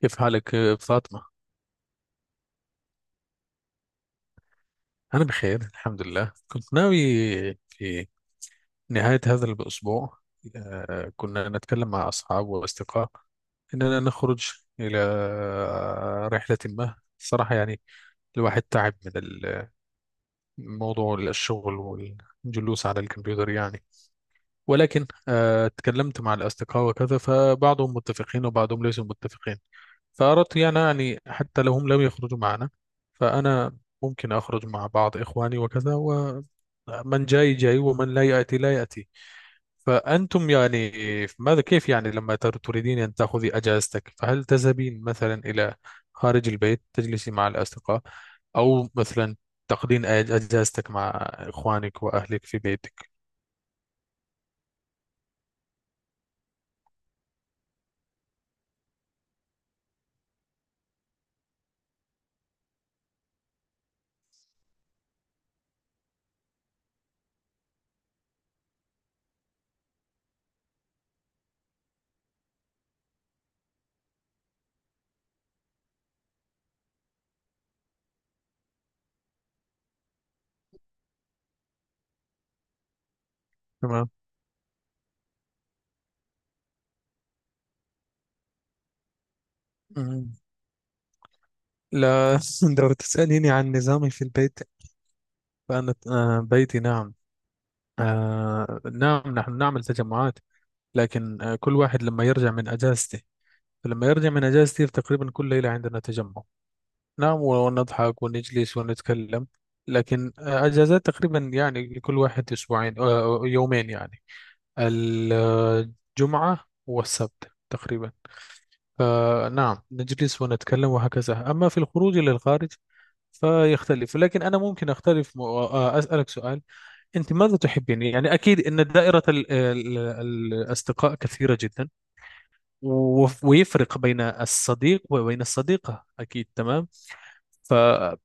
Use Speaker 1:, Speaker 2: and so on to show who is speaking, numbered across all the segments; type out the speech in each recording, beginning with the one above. Speaker 1: كيف حالك فاطمة؟ أنا بخير، الحمد لله. كنت ناوي في نهاية هذا الأسبوع كنا نتكلم مع أصحاب وأصدقاء إننا نخرج إلى رحلة ما. صراحة يعني الواحد تعب من الموضوع، الشغل والجلوس على الكمبيوتر يعني. ولكن اتكلمت مع الأصدقاء وكذا، فبعضهم متفقين وبعضهم ليسوا متفقين. فأردت يعني حتى لو هم لم يخرجوا معنا، فأنا ممكن أخرج مع بعض إخواني وكذا، ومن جاي جاي ومن لا يأتي لا يأتي. فأنتم يعني ماذا، كيف يعني لما تريدين أن تأخذي أجازتك، فهل تذهبين مثلا إلى خارج البيت تجلسي مع الأصدقاء، أو مثلا تقضين أجازتك مع إخوانك وأهلك في بيتك؟ تمام. لا، لو تسأليني عن نظامي في البيت فأنا، بيتي، نعم. نعم، نحن نعمل تجمعات، لكن كل واحد لما يرجع من أجازته، فلما يرجع من أجازته تقريبا كل ليلة عندنا تجمع. نعم، ونضحك ونجلس ونتكلم. لكن أجازات تقريبا يعني لكل واحد أسبوعين، يومين يعني، الجمعة والسبت تقريبا. فنعم نجلس ونتكلم وهكذا. أما في الخروج إلى الخارج فيختلف، لكن أنا ممكن أختلف. أسألك سؤال. أنت ماذا تحبين؟ يعني أكيد أن دائرة الأصدقاء كثيرة جدا، ويفرق بين الصديق وبين الصديقة، أكيد. تمام. ف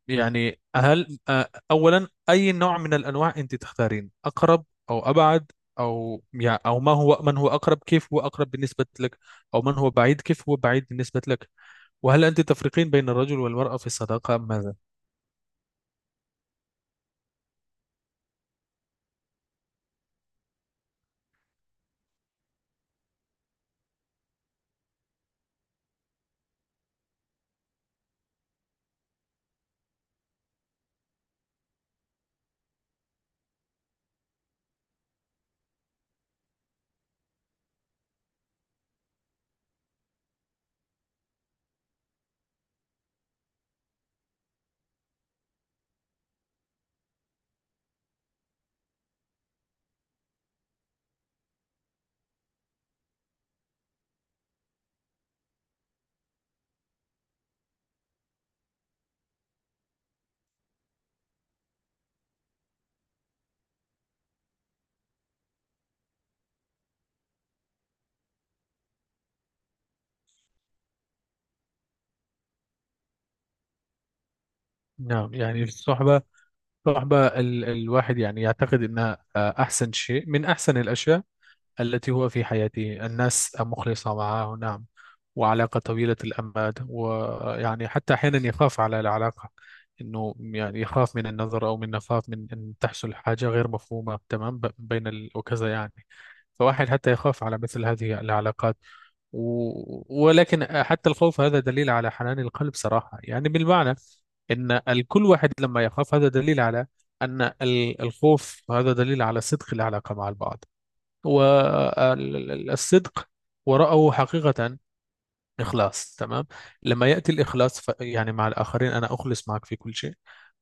Speaker 1: يعني هل أولا، أي نوع من الأنواع أنت تختارين، أقرب أو أبعد؟ أو يعني، أو ما هو، من هو أقرب، كيف هو أقرب بالنسبة لك؟ أو من هو بعيد، كيف هو بعيد بالنسبة لك؟ وهل أنت تفرقين بين الرجل والمرأة في الصداقة أم ماذا؟ نعم يعني الصحبة، صراحة بقى الواحد يعني يعتقد انها احسن شيء من احسن الاشياء التي هو في حياته، الناس مخلصة معه. نعم. وعلاقة طويلة الأمد، ويعني حتى أحيانا يخاف على العلاقة. إنه يعني يخاف من النظر، أو من يخاف من أن تحصل حاجة غير مفهومة، تمام، بين وكذا يعني. فواحد حتى يخاف على مثل هذه العلاقات. ولكن حتى الخوف هذا دليل على حنان القلب، صراحة يعني، بالمعنى إن الكل واحد لما يخاف، هذا دليل على أن الخوف، هذا دليل على صدق العلاقة مع البعض، والصدق ورأوا حقيقة إخلاص. تمام. لما يأتي الإخلاص يعني مع الآخرين، أنا أخلص معك في كل شيء،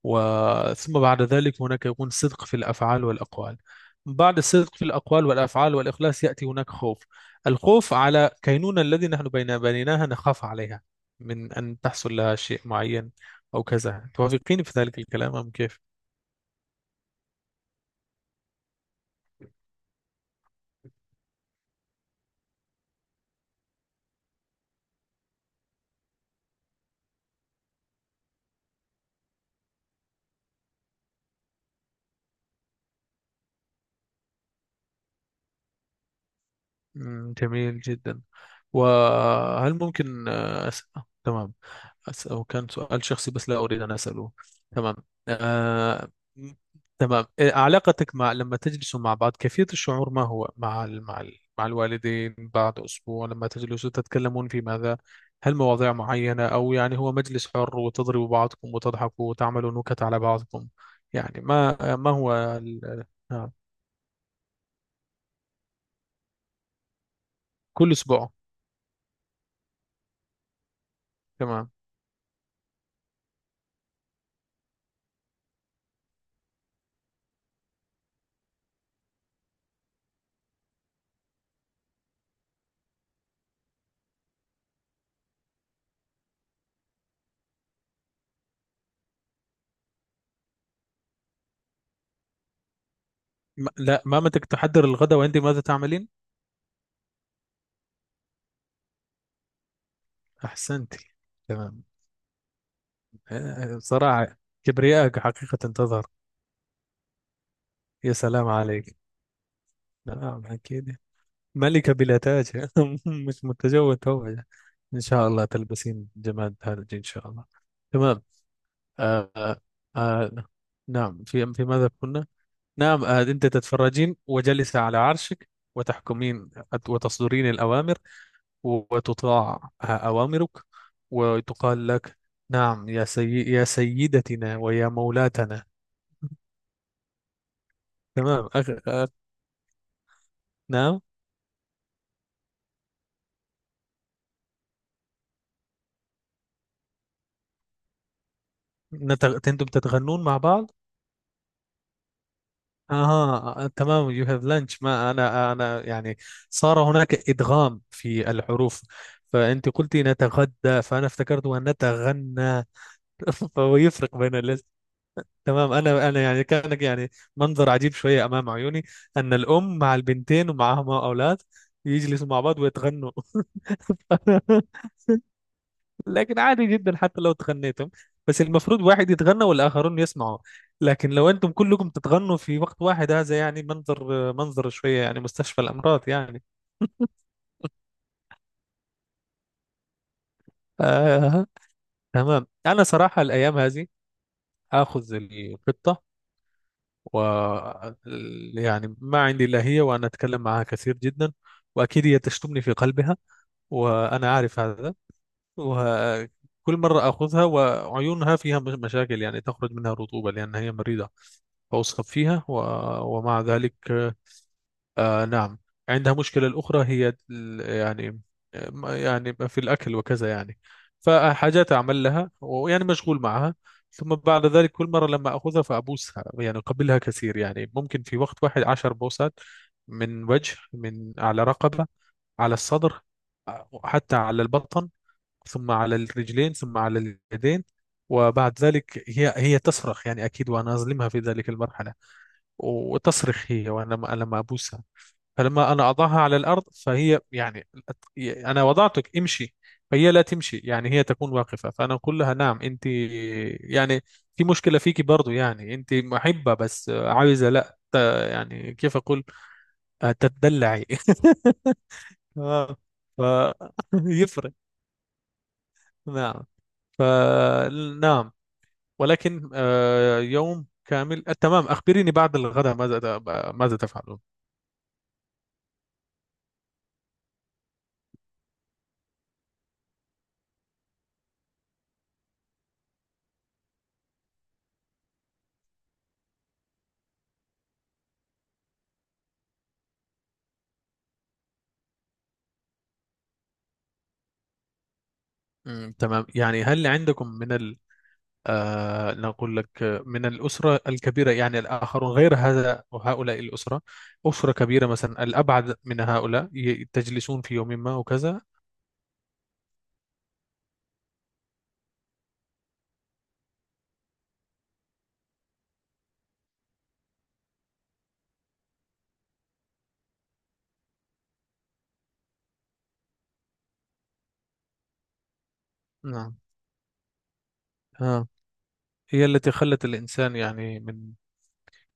Speaker 1: وثم بعد ذلك هناك يكون صدق في الأفعال والأقوال. بعد الصدق في الأقوال والأفعال والإخلاص يأتي هناك خوف، الخوف على كينونة الذي نحن بين بنيناها، نخاف عليها من أن تحصل لها شيء معين أو كذا. توافقين في ذلك الكلام أم كيف؟ جميل جدا. وهل ممكن أسأل؟ تمام، أسأل. وكان سؤال شخصي بس لا أريد أن أسأله. تمام. آه... م- تمام، علاقتك مع، لما تجلسوا مع بعض كيفية الشعور، ما هو مع مع مع الوالدين، بعد أسبوع لما تجلسوا تتكلمون في ماذا؟ هل مواضيع معينة، أو يعني هو مجلس حر وتضربوا بعضكم وتضحكوا وتعملوا نكت على بعضكم يعني؟ ما هو آه، كل أسبوع. تمام. ما... لا، ما متى تحضر الغداء وأنت ماذا تعملين؟ أحسنتي. تمام. بصراحة كبريائك حقيقة تظهر. يا سلام عليك. نعم أكيد. ملكة بلا تاج. مش متزوجة هو. إن شاء الله تلبسين جمال تاج إن شاء الله. تمام. آه آه آه، نعم. في ماذا كنا؟ نعم، أنت تتفرجين وجلس على عرشك، وتحكمين وتصدرين الأوامر، وتطاع أوامرك، وتقال لك: نعم يا يا سيدتنا ويا مولاتنا. تمام. نعم. أنتم تتغنون مع بعض؟ اها تمام، يو هاف لانش. ما انا يعني صار هناك ادغام في الحروف، فانت قلتي نتغدى فانا افتكرت ان نتغنى. فهو يفرق بين الاس. تمام، انا يعني كان يعني منظر عجيب شويه امام عيوني، ان الام مع البنتين ومعهما اولاد يجلسوا مع بعض ويتغنوا. لكن عادي جدا حتى لو تغنيتم، بس المفروض واحد يتغنى والآخرون يسمعوا. لكن لو أنتم كلكم تتغنوا في وقت واحد، هذا يعني منظر شوية يعني مستشفى الأمراض يعني. آه. تمام. أنا صراحة الأيام هذه آخذ القطة، و يعني ما عندي إلا هي، وأنا أتكلم معها كثير جدا. وأكيد هي تشتمني في قلبها، وأنا عارف هذا. وكل مرة آخذها وعيونها فيها مشاكل، يعني تخرج منها رطوبة لأن هي مريضة، وأسخب فيها ومع ذلك، نعم عندها مشكلة أخرى، هي يعني في الأكل وكذا يعني. فحاجات أعمل لها، ويعني مشغول معها. ثم بعد ذلك كل مرة لما أخذها فأبوسها يعني، أقبلها كثير يعني، ممكن في وقت واحد 10 بوسات، من وجه، من على رقبة، على الصدر، حتى على البطن، ثم على الرجلين، ثم على اليدين. وبعد ذلك هي تصرخ يعني، أكيد وأنا أظلمها في ذلك المرحلة. وتصرخ هي، وانا لما ابوسها، فلما انا اضعها على الارض فهي يعني: انا وضعتك امشي. فهي لا تمشي، يعني هي تكون واقفه، فانا اقول لها: نعم انت يعني في مشكله فيكي برضو، يعني انت محبه بس عايزه لا يعني كيف اقول؟ تتدلعي. اه. ف يفرق. نعم. ف نعم. ولكن يوم كامل. تمام، أخبريني بعد الغداء ماذا، تفعلون. تمام. يعني هل عندكم من ال آه نقول لك، من الأسرة الكبيرة يعني، الآخرون غير هذا وهؤلاء الأسرة؟ أسرة كبيرة مثلا الأبعد من هؤلاء، تجلسون في يوم ما وكذا. نعم. آه. هي التي خلت الإنسان يعني من،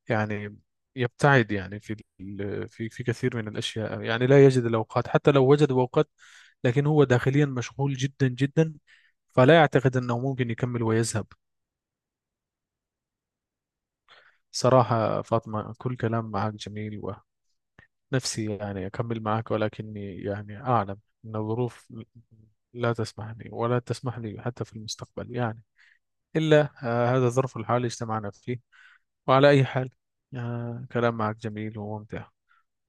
Speaker 1: يعني يبتعد يعني في في كثير من الأشياء. يعني لا يجد الأوقات، حتى لو وجد أوقات لكن هو داخليا مشغول جدا جدا، فلا يعتقد أنه ممكن يكمل ويذهب. صراحة فاطمة، كل كلام معك جميل. نفسي يعني أكمل معك، ولكني يعني أعلم أن الظروف لا تسمحني ولا تسمح لي حتى في المستقبل يعني، إلا هذا الظرف الحالي اجتمعنا فيه. وعلى أي حال، كلام معك جميل وممتع.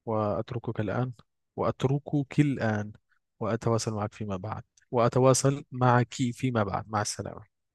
Speaker 1: وأتركك الآن وأتركك الآن. وأتواصل معك فيما بعد وأتواصل معك فيما بعد. مع السلامة.